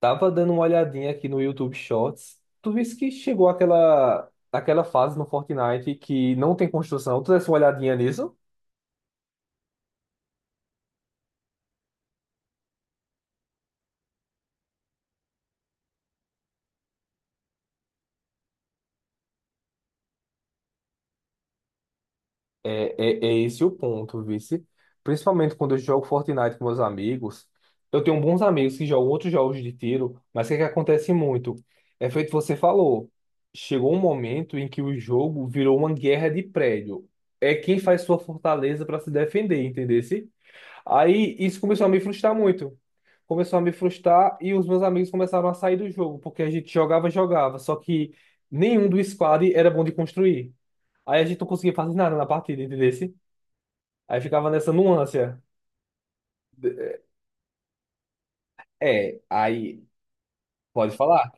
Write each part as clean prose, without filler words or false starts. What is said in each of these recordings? Tava dando uma olhadinha aqui no YouTube Shorts. Tu viste que chegou aquela fase no Fortnite que não tem construção. Tu desse uma olhadinha nisso? É esse o ponto, vice. Principalmente quando eu jogo Fortnite com meus amigos. Eu tenho bons amigos que jogam outros jogos de tiro, mas o que é que acontece muito? É feito o que você falou. Chegou um momento em que o jogo virou uma guerra de prédio. É quem faz sua fortaleza para se defender, entendeu? Aí isso começou a me frustrar muito. Começou a me frustrar e os meus amigos começaram a sair do jogo, porque a gente jogava, jogava, só que nenhum do squad era bom de construir. Aí a gente não conseguia fazer nada na partida, entendeu? Aí ficava nessa nuance. É, aí pode falar.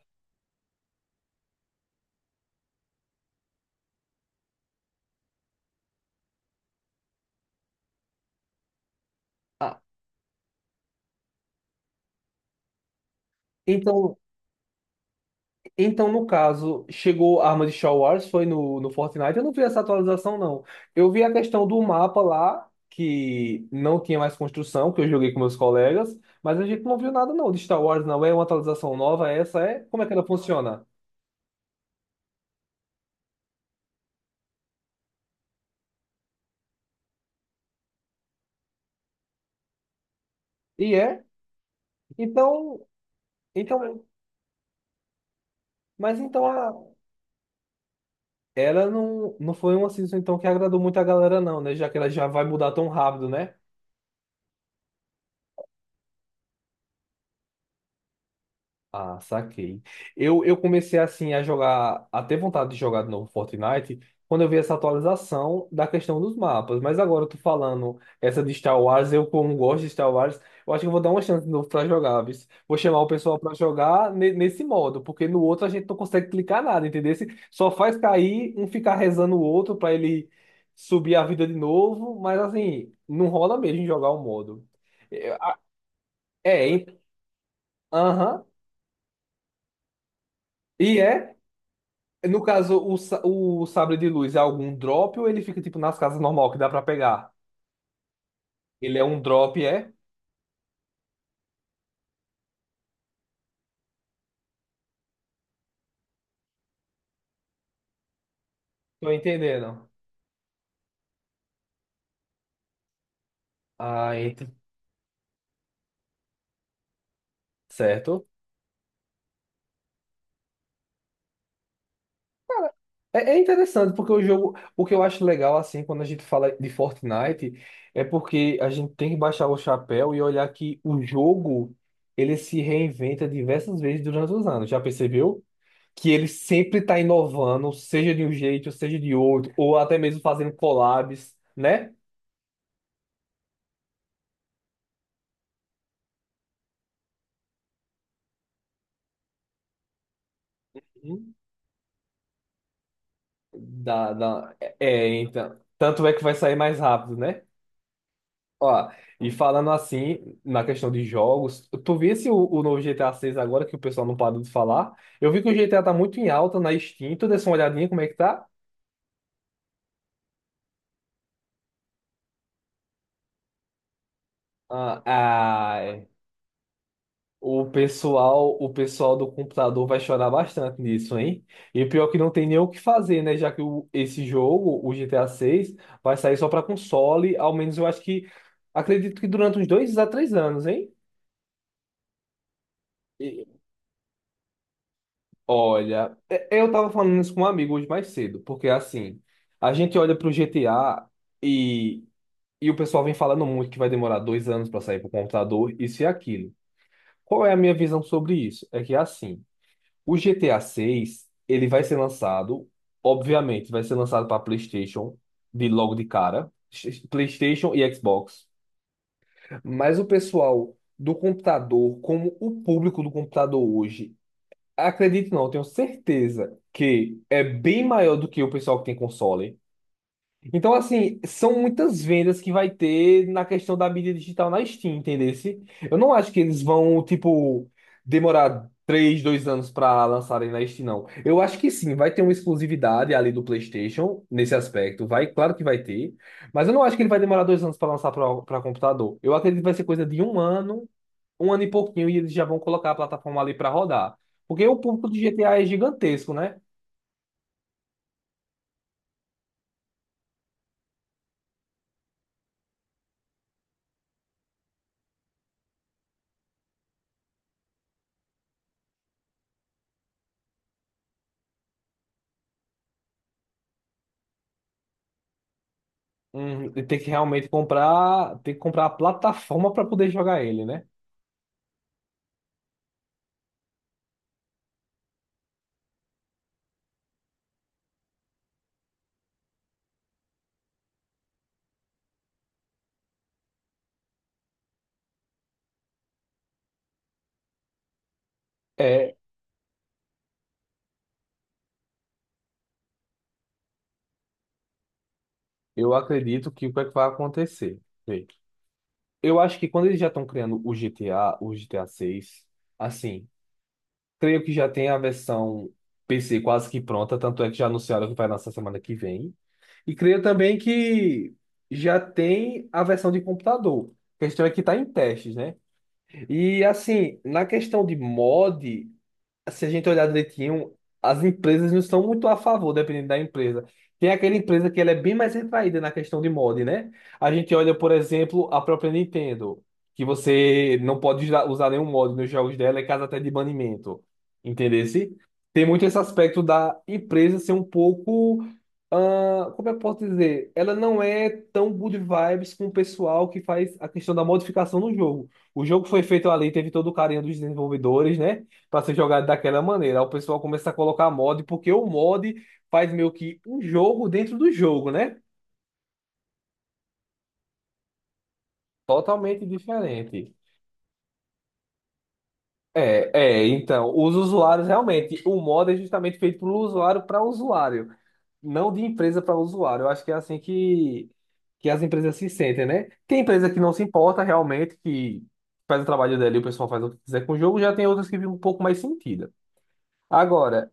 Ah, então. Então, no caso, chegou a arma de Star Wars, foi no Fortnite. Eu não vi essa atualização, não. Eu vi a questão do mapa lá, que não tinha mais construção, que eu joguei com meus colegas, mas a gente não viu nada, não, de Star Wars, não. É uma atualização nova, é essa é? Como é que ela funciona? E é? Então, então, mas então a, ela não, não foi uma season então que agradou muito a galera, não, né? Já que ela já vai mudar tão rápido, né? Ah, saquei. Eu comecei assim a jogar, a ter vontade de jogar de novo Fortnite quando eu vi essa atualização da questão dos mapas. Mas agora eu tô falando essa de Star Wars, eu como gosto de Star Wars, eu acho que eu vou dar uma chance de novo pra jogar, viu? Vou chamar o pessoal pra jogar nesse modo, porque no outro a gente não consegue clicar nada, entendeu? Só faz cair, um ficar rezando o outro pra ele subir a vida de novo, mas assim, não rola mesmo jogar o modo. É, é, hein? Aham. E é. No caso, o sabre de luz é algum drop ou ele fica tipo nas casas normal que dá pra pegar? Ele é um drop, é? Tô entendendo. Ah, ent- certo. É, é interessante porque o jogo, o que eu acho legal assim quando a gente fala de Fortnite é porque a gente tem que baixar o chapéu e olhar que o jogo ele se reinventa diversas vezes durante os anos. Já percebeu? Que ele sempre está inovando, seja de um jeito, seja de outro, ou até mesmo fazendo collabs, né? Dá, dá. É, então. Tanto é que vai sair mais rápido, né? Ó, e falando assim, na questão de jogos, tu visse o novo GTA 6 agora, que o pessoal não parou de falar? Eu vi que o GTA tá muito em alta na Steam. Tu desse uma olhadinha como é que tá? Ah, ai. O pessoal do computador vai chorar bastante nisso, hein? E pior que não tem nem o que fazer, né? Já que o, esse jogo, o GTA 6, vai sair só para console, ao menos eu acho que, acredito que durante uns 2 a 3 anos, hein? Olha, é, eu tava falando isso com um amigo hoje mais cedo, porque assim, a gente olha pro GTA e, e o pessoal vem falando muito que vai demorar 2 anos para sair pro computador, isso e aquilo. Qual é a minha visão sobre isso? É que assim, o GTA 6, ele vai ser lançado, obviamente, vai ser lançado para PlayStation de logo de cara, PlayStation e Xbox. Mas o pessoal do computador, como o público do computador hoje, acredito não, eu tenho certeza que é bem maior do que o pessoal que tem console. Então, assim, são muitas vendas que vai ter na questão da mídia digital na Steam, entendesse? Eu não acho que eles vão, tipo, demorar 3, 2 anos para lançarem na Steam, não. Eu acho que sim, vai ter uma exclusividade ali do PlayStation nesse aspecto. Vai, claro que vai ter. Mas eu não acho que ele vai demorar 2 anos para lançar para computador. Eu acredito que vai ser coisa de 1 ano, um ano e pouquinho, e eles já vão colocar a plataforma ali para rodar. Porque o público do GTA é gigantesco, né? E tem que realmente comprar, tem que comprar a plataforma para poder jogar ele, né? É, eu acredito que o que é que vai acontecer. Vê, eu acho que quando eles já estão criando o GTA, o GTA 6, assim, creio que já tem a versão PC quase que pronta, tanto é que já anunciaram que vai lançar semana que vem. E creio também que já tem a versão de computador. A questão é que está em testes, né? E assim, na questão de mod, se a gente olhar direitinho, as empresas não são muito a favor, dependendo da empresa. Tem aquela empresa que ela é bem mais retraída na questão de mod, né? A gente olha, por exemplo, a própria Nintendo, que você não pode usar nenhum mod nos jogos dela, é caso até de banimento. Entendesse? Tem muito esse aspecto da empresa ser um pouco. Ah, como eu posso dizer? Ela não é tão good vibes com o pessoal que faz a questão da modificação no jogo. O jogo foi feito ali, teve todo o carinho dos desenvolvedores, né? Para ser jogado daquela maneira. Aí o pessoal começa a colocar mod, porque o mod faz meio que um jogo dentro do jogo, né? Totalmente diferente. É, é, então, os usuários realmente, o mod é justamente feito para o usuário para usuário, não de empresa para usuário. Eu acho que é assim que as empresas se sentem, né? Tem empresa que não se importa realmente, que faz o trabalho dela e o pessoal faz o que quiser com o jogo, já tem outras que vivem um pouco mais sentido. Agora,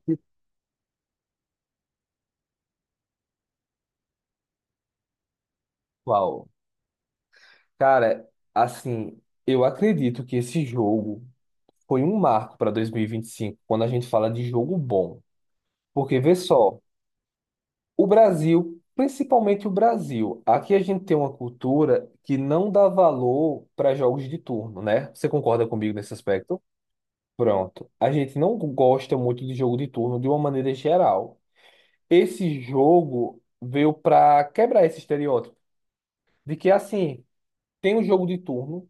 pessoal. Cara, assim, eu acredito que esse jogo foi um marco para dois mil e vinte e cinco quando a gente fala de jogo bom. Porque vê só, o Brasil, principalmente o Brasil, aqui a gente tem uma cultura que não dá valor para jogos de turno, né? Você concorda comigo nesse aspecto? Pronto. A gente não gosta muito de jogo de turno de uma maneira geral. Esse jogo veio para quebrar esse estereótipo de que assim, tem um jogo de turno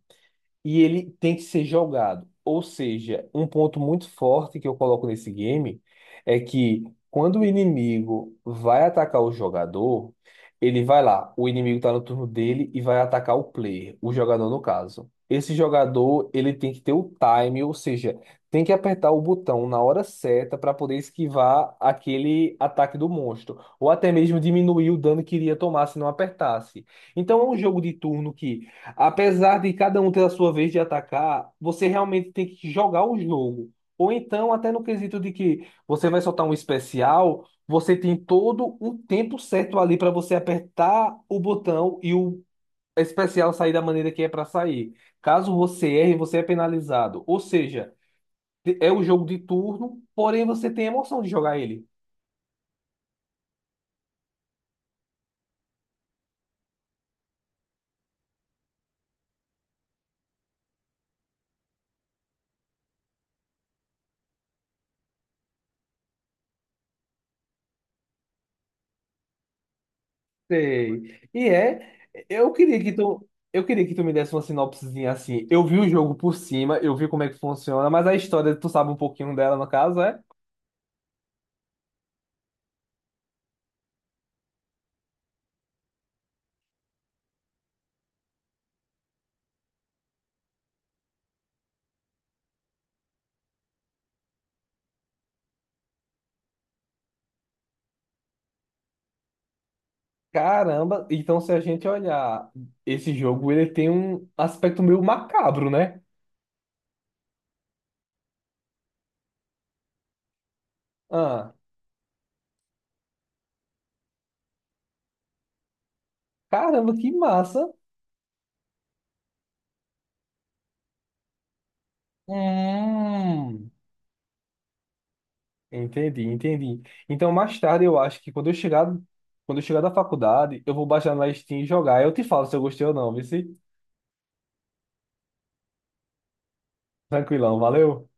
e ele tem que ser jogado. Ou seja, um ponto muito forte que eu coloco nesse game é que quando o inimigo vai atacar o jogador, ele vai lá, o inimigo está no turno dele e vai atacar o player, o jogador no caso. Esse jogador, ele tem que ter o time, ou seja, tem que apertar o botão na hora certa para poder esquivar aquele ataque do monstro, ou até mesmo diminuir o dano que iria tomar se não apertasse. Então é um jogo de turno que, apesar de cada um ter a sua vez de atacar, você realmente tem que jogar o jogo. Ou então, até no quesito de que você vai soltar um especial, você tem todo um tempo certo ali para você apertar o botão e o especial sair da maneira que é para sair. Caso você erre, você é penalizado. Ou seja, é o jogo de turno, porém você tem a emoção de jogar ele. Sei. E é, eu queria que tu, eu queria que tu me desse uma sinopsezinha assim. Eu vi o jogo por cima, eu vi como é que funciona, mas a história, tu sabe um pouquinho dela, no caso, é? Caramba, então se a gente olhar esse jogo, ele tem um aspecto meio macabro, né? Ah, caramba, que massa. Hum, entendi, entendi. Então mais tarde eu acho que quando eu chegar da faculdade, eu vou baixar na Steam e jogar. Eu te falo se eu gostei ou não, viu? Se? Tranquilão, valeu.